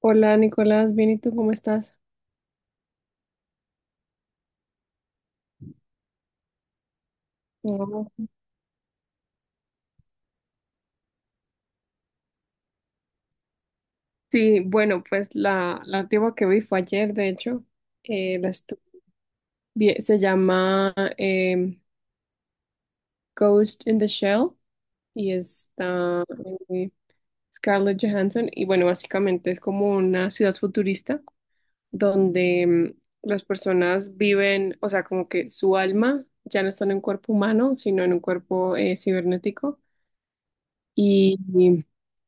Hola Nicolás, bien, ¿y tú cómo estás? Oh, sí, bueno, pues la antigua que vi fue ayer, de hecho, eh, la estu- se llama em, Ghost in the Shell y está eh, Scarlett Johansson y bueno, básicamente es como una ciudad futurista donde las personas viven, o sea, como que su alma ya no está en un cuerpo humano, sino en un cuerpo cibernético. Y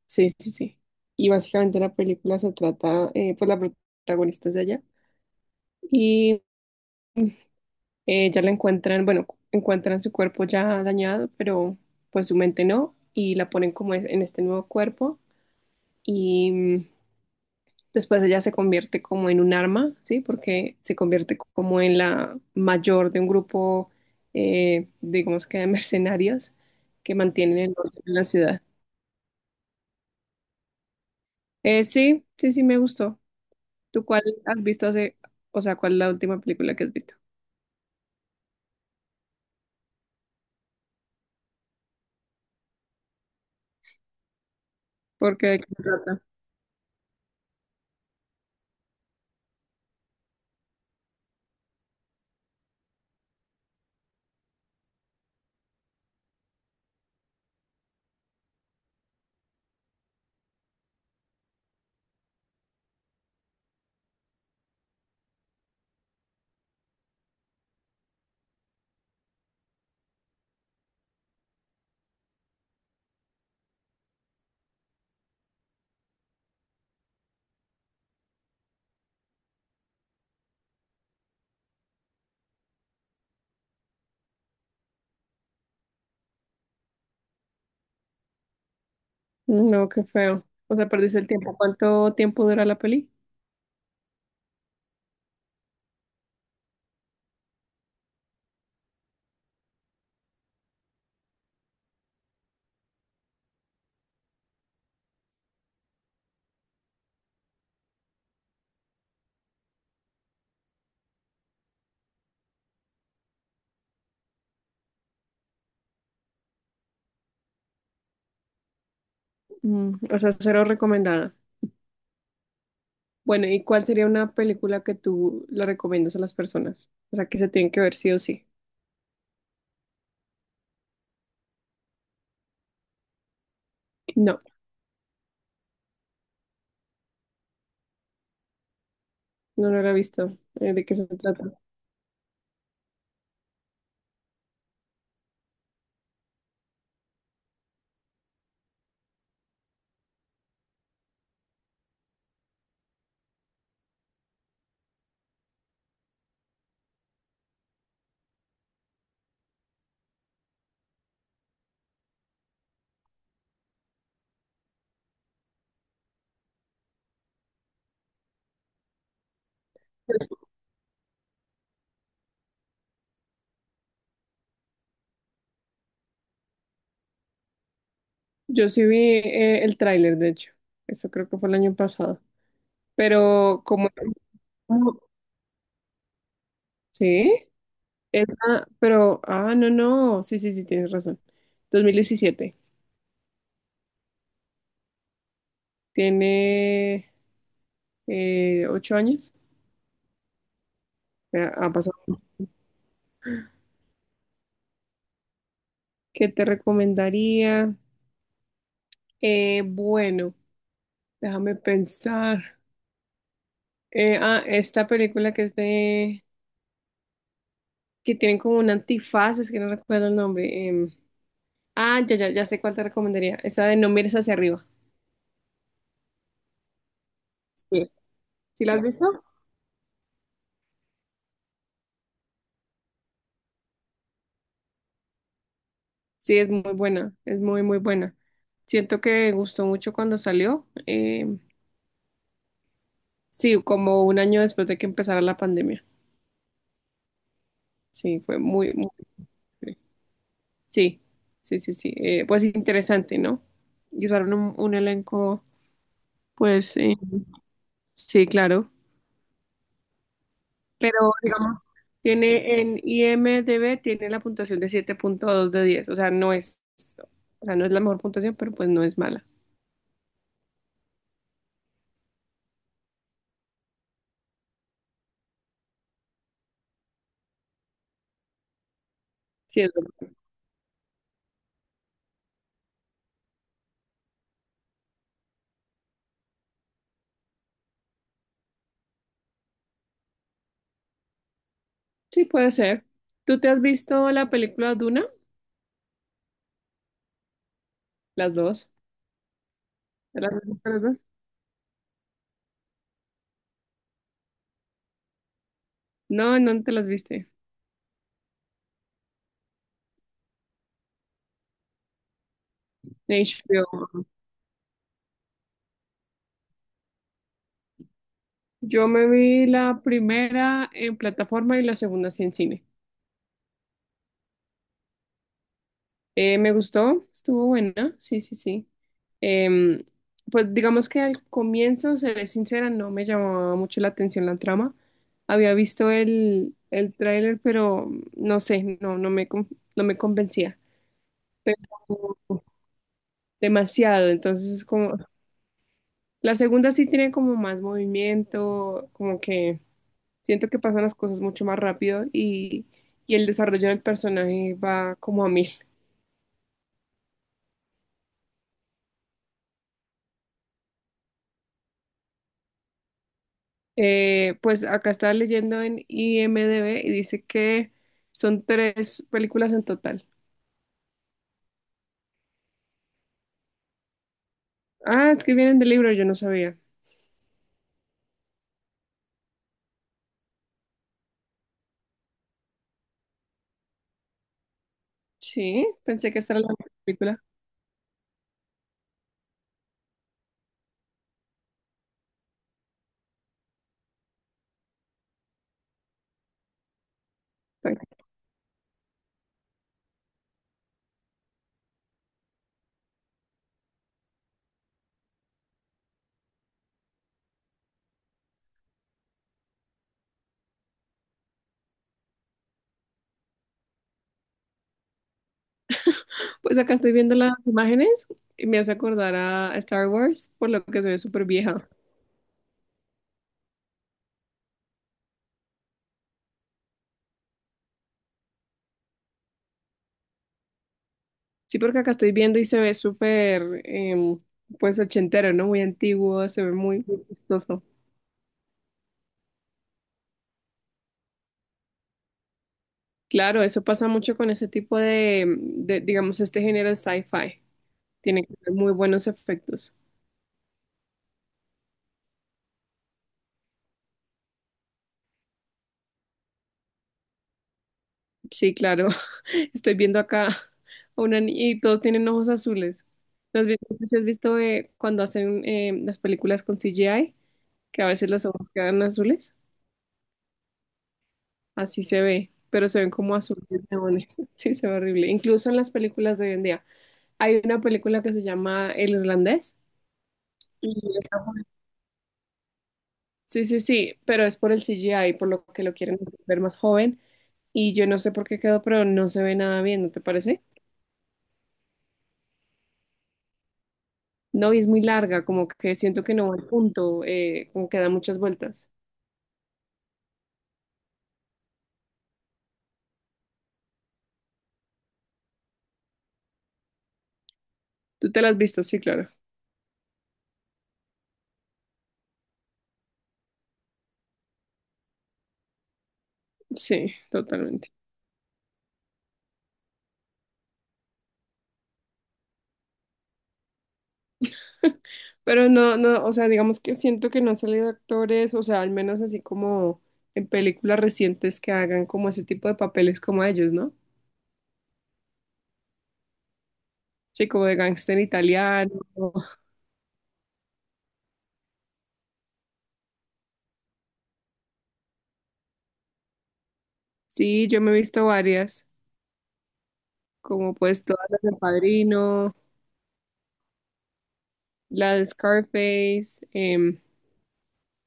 Sí, sí, sí. Y básicamente la película se trata, pues la protagonista es de allá. Y ya la encuentran, bueno, encuentran su cuerpo ya dañado, pero pues su mente no. Y la ponen como en este nuevo cuerpo. Y mm, Después ella se convierte como en un arma, ¿sí? Porque se convierte como en la mayor de un grupo, digamos que de mercenarios que mantienen el orden en la ciudad. Sí, sí, sí, me gustó. ¿Tú cuál has visto o sea, cuál es la última película que has visto? Porque ¿de qué se trata? No, qué feo. O sea, perdiste el tiempo. ¿Cuánto tiempo dura la peli? O sea, cero recomendada. Bueno, ¿y cuál sería una película que tú le recomiendas a las personas? O sea, que se tienen que ver sí o sí. No, no, no la he visto. ¿De qué se trata? Pues, yo sí vi el tráiler, de hecho. Eso creo que fue el año pasado. Pero como... ¿Sí? Esa, pero, ah, no, no, sí, sí, sí, tienes razón. 2017, tiene 8 años, ya ha pasado. ¿Qué te recomendaría? Bueno, déjame pensar. Ah, esta película que es de, que tienen como un antifaz, es que no recuerdo el nombre. Ah, ya, ya, ya sé cuál te recomendaría. Esa de No mires hacia arriba. Sí. ¿Sí la has visto? Sí, es muy buena, es muy, muy buena. Siento que gustó mucho cuando salió. Sí, como un año después de que empezara la pandemia. Sí, fue muy, muy... Sí, sí, sí, sí. Pues interesante, ¿no? Y usaron un elenco, pues sí, claro. Pero digamos, tiene en IMDb, tiene la puntuación de 7.2 de 10. O sea, no es, o sea, no es la mejor puntuación, pero pues no es mala. Sí, es buena. Sí, puede ser. ¿Tú te has visto la película Duna? Las dos. ¿Te las has visto las dos? No, ¿en ¿dónde te las viste? En HBO. Yo me vi la primera en plataforma y la segunda sí en cine. Me gustó, estuvo buena, sí, sí, sí. Em, pues digamos que al comienzo, seré sincera, no me llamaba mucho la atención la trama. Había visto el tráiler, pero no sé, no me convencía. Pero demasiado, entonces es como... La segunda sí tiene como más movimiento, como que... Siento que pasan las cosas mucho más rápido y el desarrollo del personaje va como a mil. Pues acá estaba leyendo en IMDb y dice que son tres películas en total. Ah, es que vienen del libro, yo no sabía. Sí, pensé que esta era la película. Bueno, pues acá estoy viendo las imágenes y me hace acordar a Star Wars, por lo que se ve súper vieja. Sí, porque acá estoy viendo y se ve súper, pues ochentero, ¿no? Muy antiguo, se ve muy, muy chistoso. Claro, eso pasa mucho con ese tipo digamos, este género de sci-fi. Tiene que tener muy buenos efectos. Sí, claro. Estoy viendo acá a una niña y todos tienen ojos azules. No sé si has visto cuando hacen las películas con CGI. Que a veces los ojos quedan azules. Así se ve, pero se ven como azules neones. Sí, se ve horrible. Incluso en las películas de hoy en día. Hay una película que se llama El Irlandés. Y esa Sí, sí, sí, pero es por el CGI, por lo que lo quieren hacer ver más joven, y yo no sé por qué quedó, pero no se ve nada bien, ¿no te parece? No, y es muy larga, como que siento que no va al punto, como que da muchas vueltas. ¿Tú te la has visto? Sí, claro. Sí, totalmente. Pero no, no, o sea, digamos que siento que no han salido actores, o sea, al menos así como en películas recientes que hagan como ese tipo de papeles como ellos, ¿no? Sí, como de gángster italiano. Sí, yo me he visto varias, como pues todas las del Padrino, la de Scarface,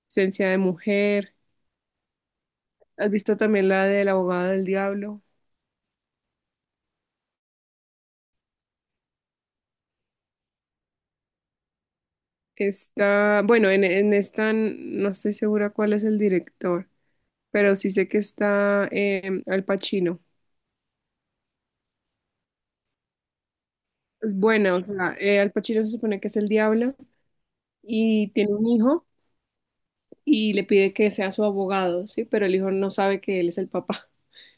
Esencia de Mujer. ¿Has visto también la del abogado del diablo? Está, bueno, en esta no estoy segura cuál es el director, pero sí sé que está Al Pacino. Es buena, o sea, Al Pacino se supone que es el diablo y tiene un hijo y le pide que sea su abogado, ¿sí? Pero el hijo no sabe que él es el papá.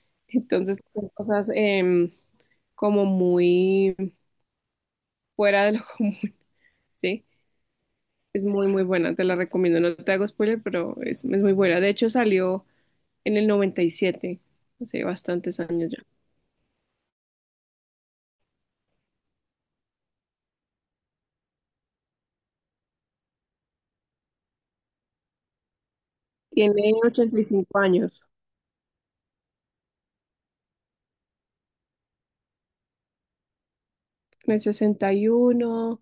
Entonces, son cosas em, como muy fuera de lo común, ¿sí? Es muy, muy buena, te la recomiendo. No te hago spoiler, pero es muy buena. De hecho, salió en el 97, hace bastantes años ya. Tiene 85 años. En el 61.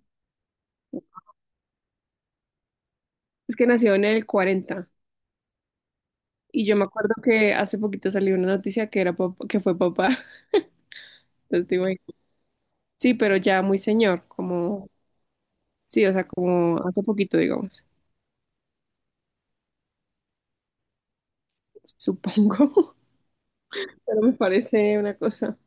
Es que nació en el 40. Y yo me acuerdo que hace poquito salió una noticia que era que fue papá. Entonces, te imaginas. Sí, pero ya muy señor, como, sí, o sea, como hace poquito, digamos, supongo. Pero me parece una cosa.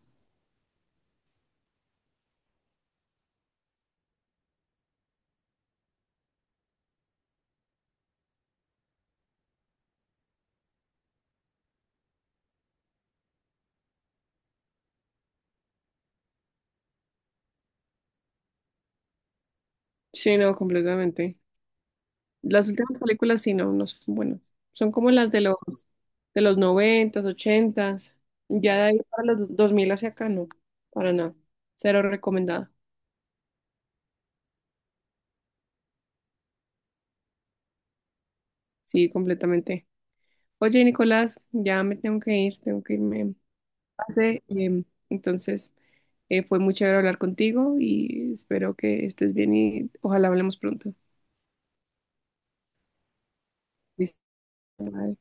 Sí, no, completamente. Las últimas películas sí, no, no son buenas. Son como las de los noventas, ochentas. Ya de ahí para los 2000 hacia acá, no, para nada. Cero recomendada. Sí, completamente. Oye, Nicolás, ya me tengo que ir, tengo que irme a clase. Entonces, fue muy chévere hablar contigo y espero que estés bien y ojalá hablemos pronto. Listo. Bye.